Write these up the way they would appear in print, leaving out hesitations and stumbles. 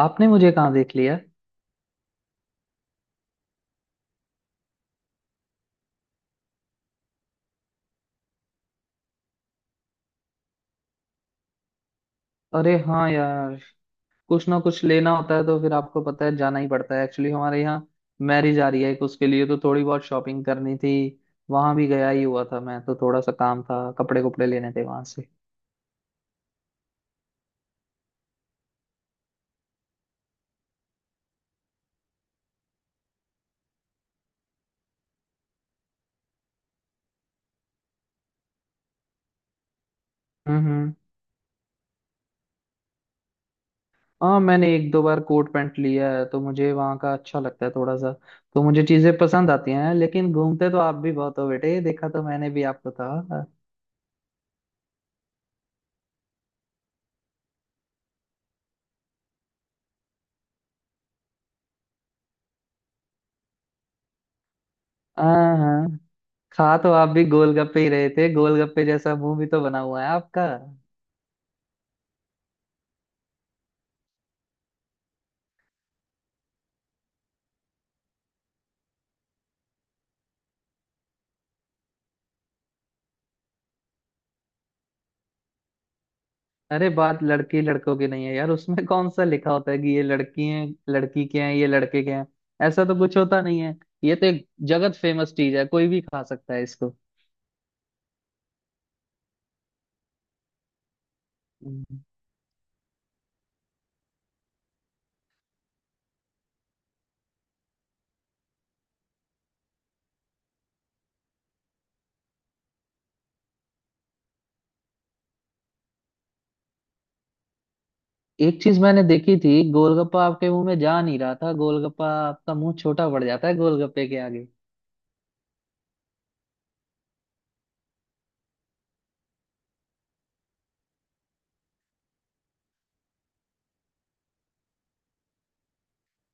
आपने मुझे कहाँ देख लिया। अरे हाँ यार। कुछ ना कुछ लेना होता है तो फिर आपको पता है जाना ही पड़ता है, एक्चुअली हमारे यहाँ मैरिज आ रही है एक, उसके लिए तो थोड़ी बहुत शॉपिंग करनी थी। वहां भी गया ही हुआ था मैं तो, थोड़ा सा काम था, कपड़े कपड़े लेने थे वहां से। हम्म। हाँ मैंने एक दो बार कोट पैंट लिया है तो मुझे वहाँ का अच्छा लगता है थोड़ा सा। तो मुझे चीजें पसंद आती हैं लेकिन घूमते तो आप भी बहुत हो बेटे, देखा तो मैंने भी आपको था। हाँ हाँ। खा तो आप भी गोलगप्पे ही रहे थे, गोलगप्पे जैसा मुंह भी तो बना हुआ है आपका। अरे बात लड़की लड़कों की नहीं है यार, उसमें कौन सा लिखा होता है कि ये लड़की है, लड़की के हैं ये लड़के के हैं। ऐसा तो कुछ होता नहीं है। ये तो एक जगत फेमस चीज है, कोई भी खा सकता है इसको। हम्म। एक चीज मैंने देखी थी, गोलगप्पा आपके मुंह में जा नहीं रहा था, गोलगप्पा आपका मुंह छोटा पड़ जाता है गोलगप्पे के आगे।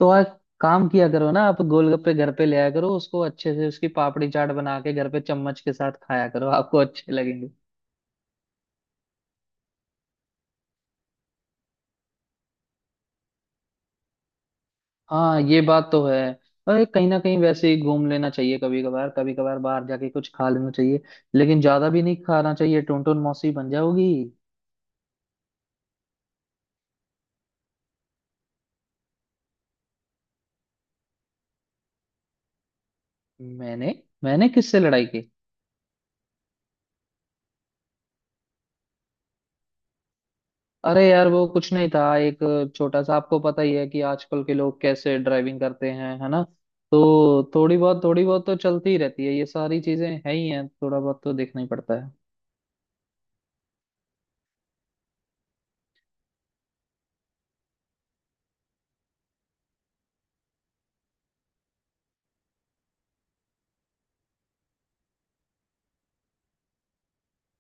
तो आप काम किया करो ना, आप गोलगप्पे घर पे ले आया करो, उसको अच्छे से उसकी पापड़ी चाट बना के घर पे चम्मच के साथ खाया करो आपको अच्छे लगेंगे। हाँ ये बात तो है। अरे कहीं ना कहीं वैसे ही घूम लेना चाहिए, कभी कभार कभी कभार बाहर जाके कुछ खा लेना चाहिए। लेकिन ज्यादा भी नहीं खाना चाहिए, टुनटुन मौसी बन जाओगी। मैंने मैंने किससे लड़ाई की? अरे यार वो कुछ नहीं था, एक छोटा सा, आपको पता ही है कि आजकल के लोग कैसे ड्राइविंग करते हैं है ना। तो थोड़ी बहुत तो चलती ही रहती है, ये सारी चीजें है ही हैं, थोड़ा बहुत तो देखना ही पड़ता है।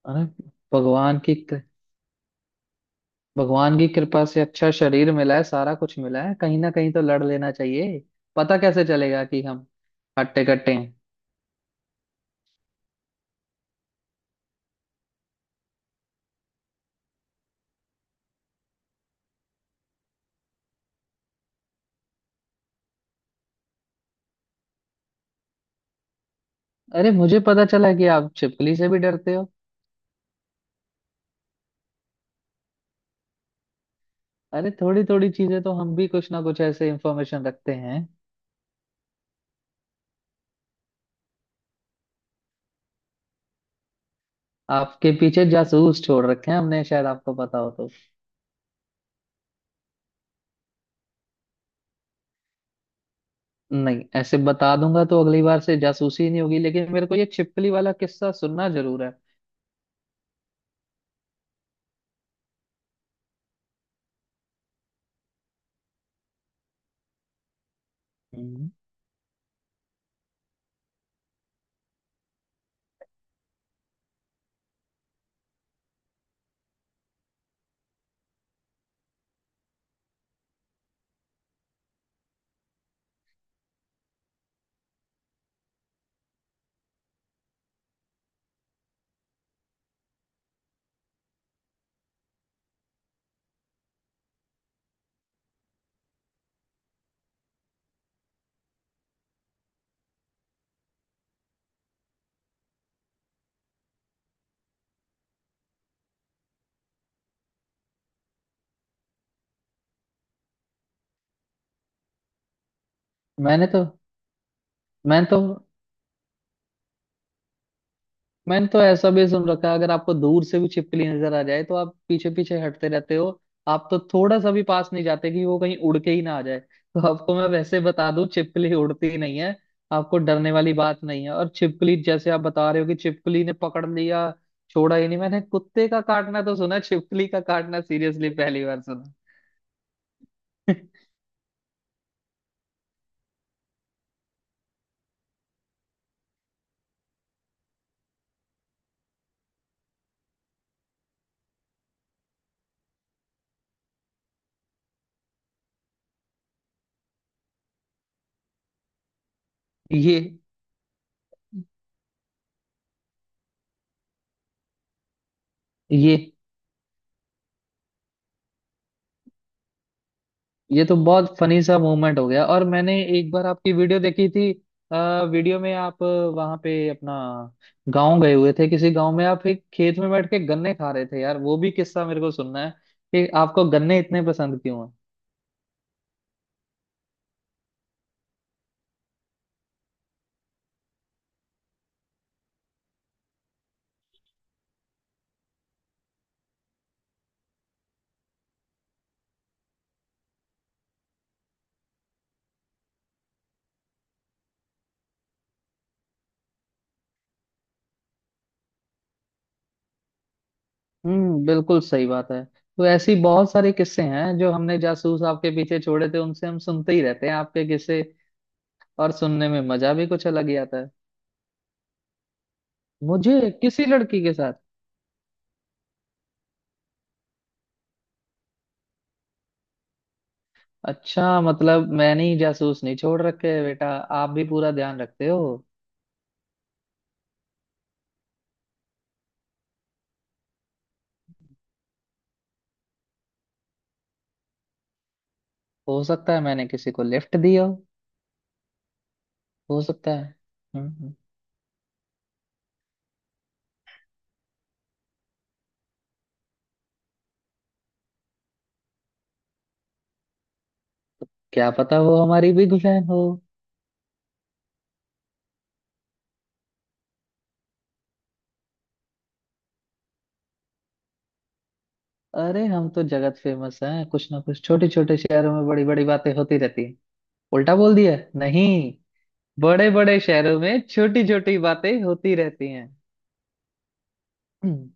अरे भगवान की भगवान की कृपा से अच्छा शरीर मिला है, सारा कुछ मिला है, कहीं ना कहीं तो लड़ लेना चाहिए। पता कैसे चलेगा कि हम हट्टे कट्टे हैं। अरे मुझे पता चला कि आप छिपकली से भी डरते हो। अरे थोड़ी थोड़ी चीजें तो हम भी कुछ ना कुछ ऐसे इंफॉर्मेशन रखते हैं। आपके पीछे जासूस छोड़ रखे हैं हमने, शायद आपको पता हो तो। नहीं ऐसे बता दूंगा तो अगली बार से जासूसी नहीं होगी, लेकिन मेरे को ये छिपकली वाला किस्सा सुनना जरूर है। हम्म। मैंने तो मैं तो मैंने तो ऐसा भी सुन रखा है, अगर आपको दूर से भी छिपकली नजर आ जाए तो आप पीछे पीछे हटते रहते हो। आप तो थोड़ा सा भी पास नहीं जाते कि वो कहीं उड़ के ही ना आ जाए, तो आपको मैं वैसे बता दूं छिपकली उड़ती ही नहीं है। आपको डरने वाली बात नहीं है, और छिपकली जैसे आप बता रहे हो कि छिपकली ने पकड़ लिया, छोड़ा ही नहीं, मैंने कुत्ते का काटना तो सुना है, छिपकली का काटना सीरियसली पहली बार सुना। ये ये ये तो बहुत फनी सा मोमेंट हो गया, और मैंने एक बार आपकी वीडियो देखी थी। वीडियो में आप वहां पे अपना गांव गए हुए थे, किसी गांव में आप एक खेत में बैठ के गन्ने खा रहे थे, यार वो भी किस्सा मेरे को सुनना है कि आपको गन्ने इतने पसंद क्यों हैं। बिल्कुल सही बात है। तो ऐसी बहुत सारे किस्से हैं जो हमने जासूस आपके पीछे छोड़े थे, उनसे हम सुनते ही रहते हैं आपके किस्से। और सुनने में मजा भी कुछ अलग ही आता है। मुझे किसी लड़की के साथ? अच्छा मतलब मैंने ही जासूस नहीं छोड़ रखे हैं बेटा, आप भी पूरा ध्यान रखते हो। हो सकता है मैंने किसी को लिफ्ट दिया हो। हो सकता है। हम्म हम्म। क्या पता वो हमारी भी गुफैन हो। अरे हम तो जगत फेमस हैं, कुछ ना कुछ छोटे छोटे शहरों में बड़ी बड़ी बातें होती रहती हैं। उल्टा बोल दिया नहीं। बड़े बड़े शहरों में छोटी छोटी बातें होती रहती हैं। हम्म,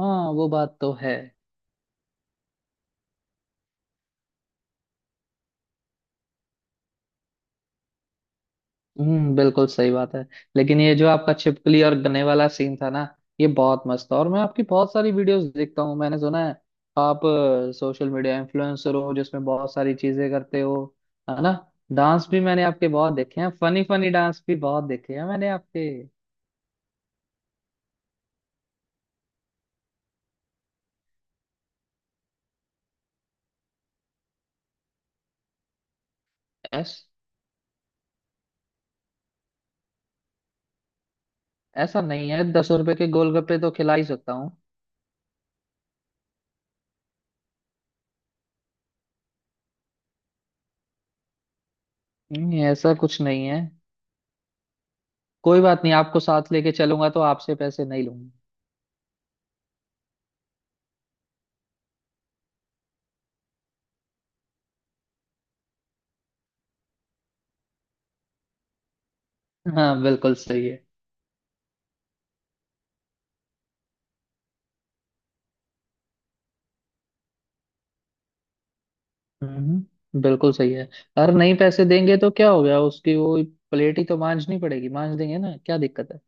हाँ वो बात तो है। बिल्कुल सही बात है। लेकिन ये जो आपका छिपकली और गन्ने वाला सीन था ना, ये बहुत मस्त था, और मैं आपकी बहुत सारी वीडियोस देखता हूँ। मैंने सुना है आप सोशल मीडिया इन्फ्लुएंसर हो जिसमें बहुत सारी चीजें करते हो, है ना। डांस भी मैंने आपके बहुत देखे हैं, फनी फनी डांस भी बहुत देखे हैं मैंने आपके। ऐस, ऐसा नहीं है, 10 रुपए के गोलगप्पे तो खिला ही सकता हूँ। नहीं, ऐसा कुछ नहीं है। कोई बात नहीं, आपको साथ लेके चलूंगा तो आपसे पैसे नहीं लूंगा। हाँ बिल्कुल सही है। बिल्कुल सही है। अगर नहीं पैसे देंगे तो क्या हो गया, उसकी वो प्लेट ही तो मांजनी पड़ेगी, मांज देंगे ना क्या दिक्कत है।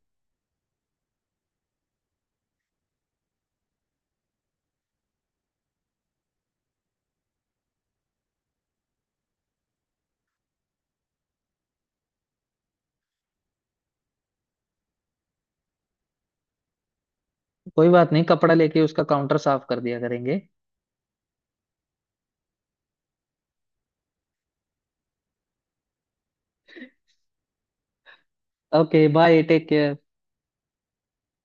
कोई बात नहीं, कपड़ा लेके उसका काउंटर साफ कर दिया करेंगे। Okay bye, take care.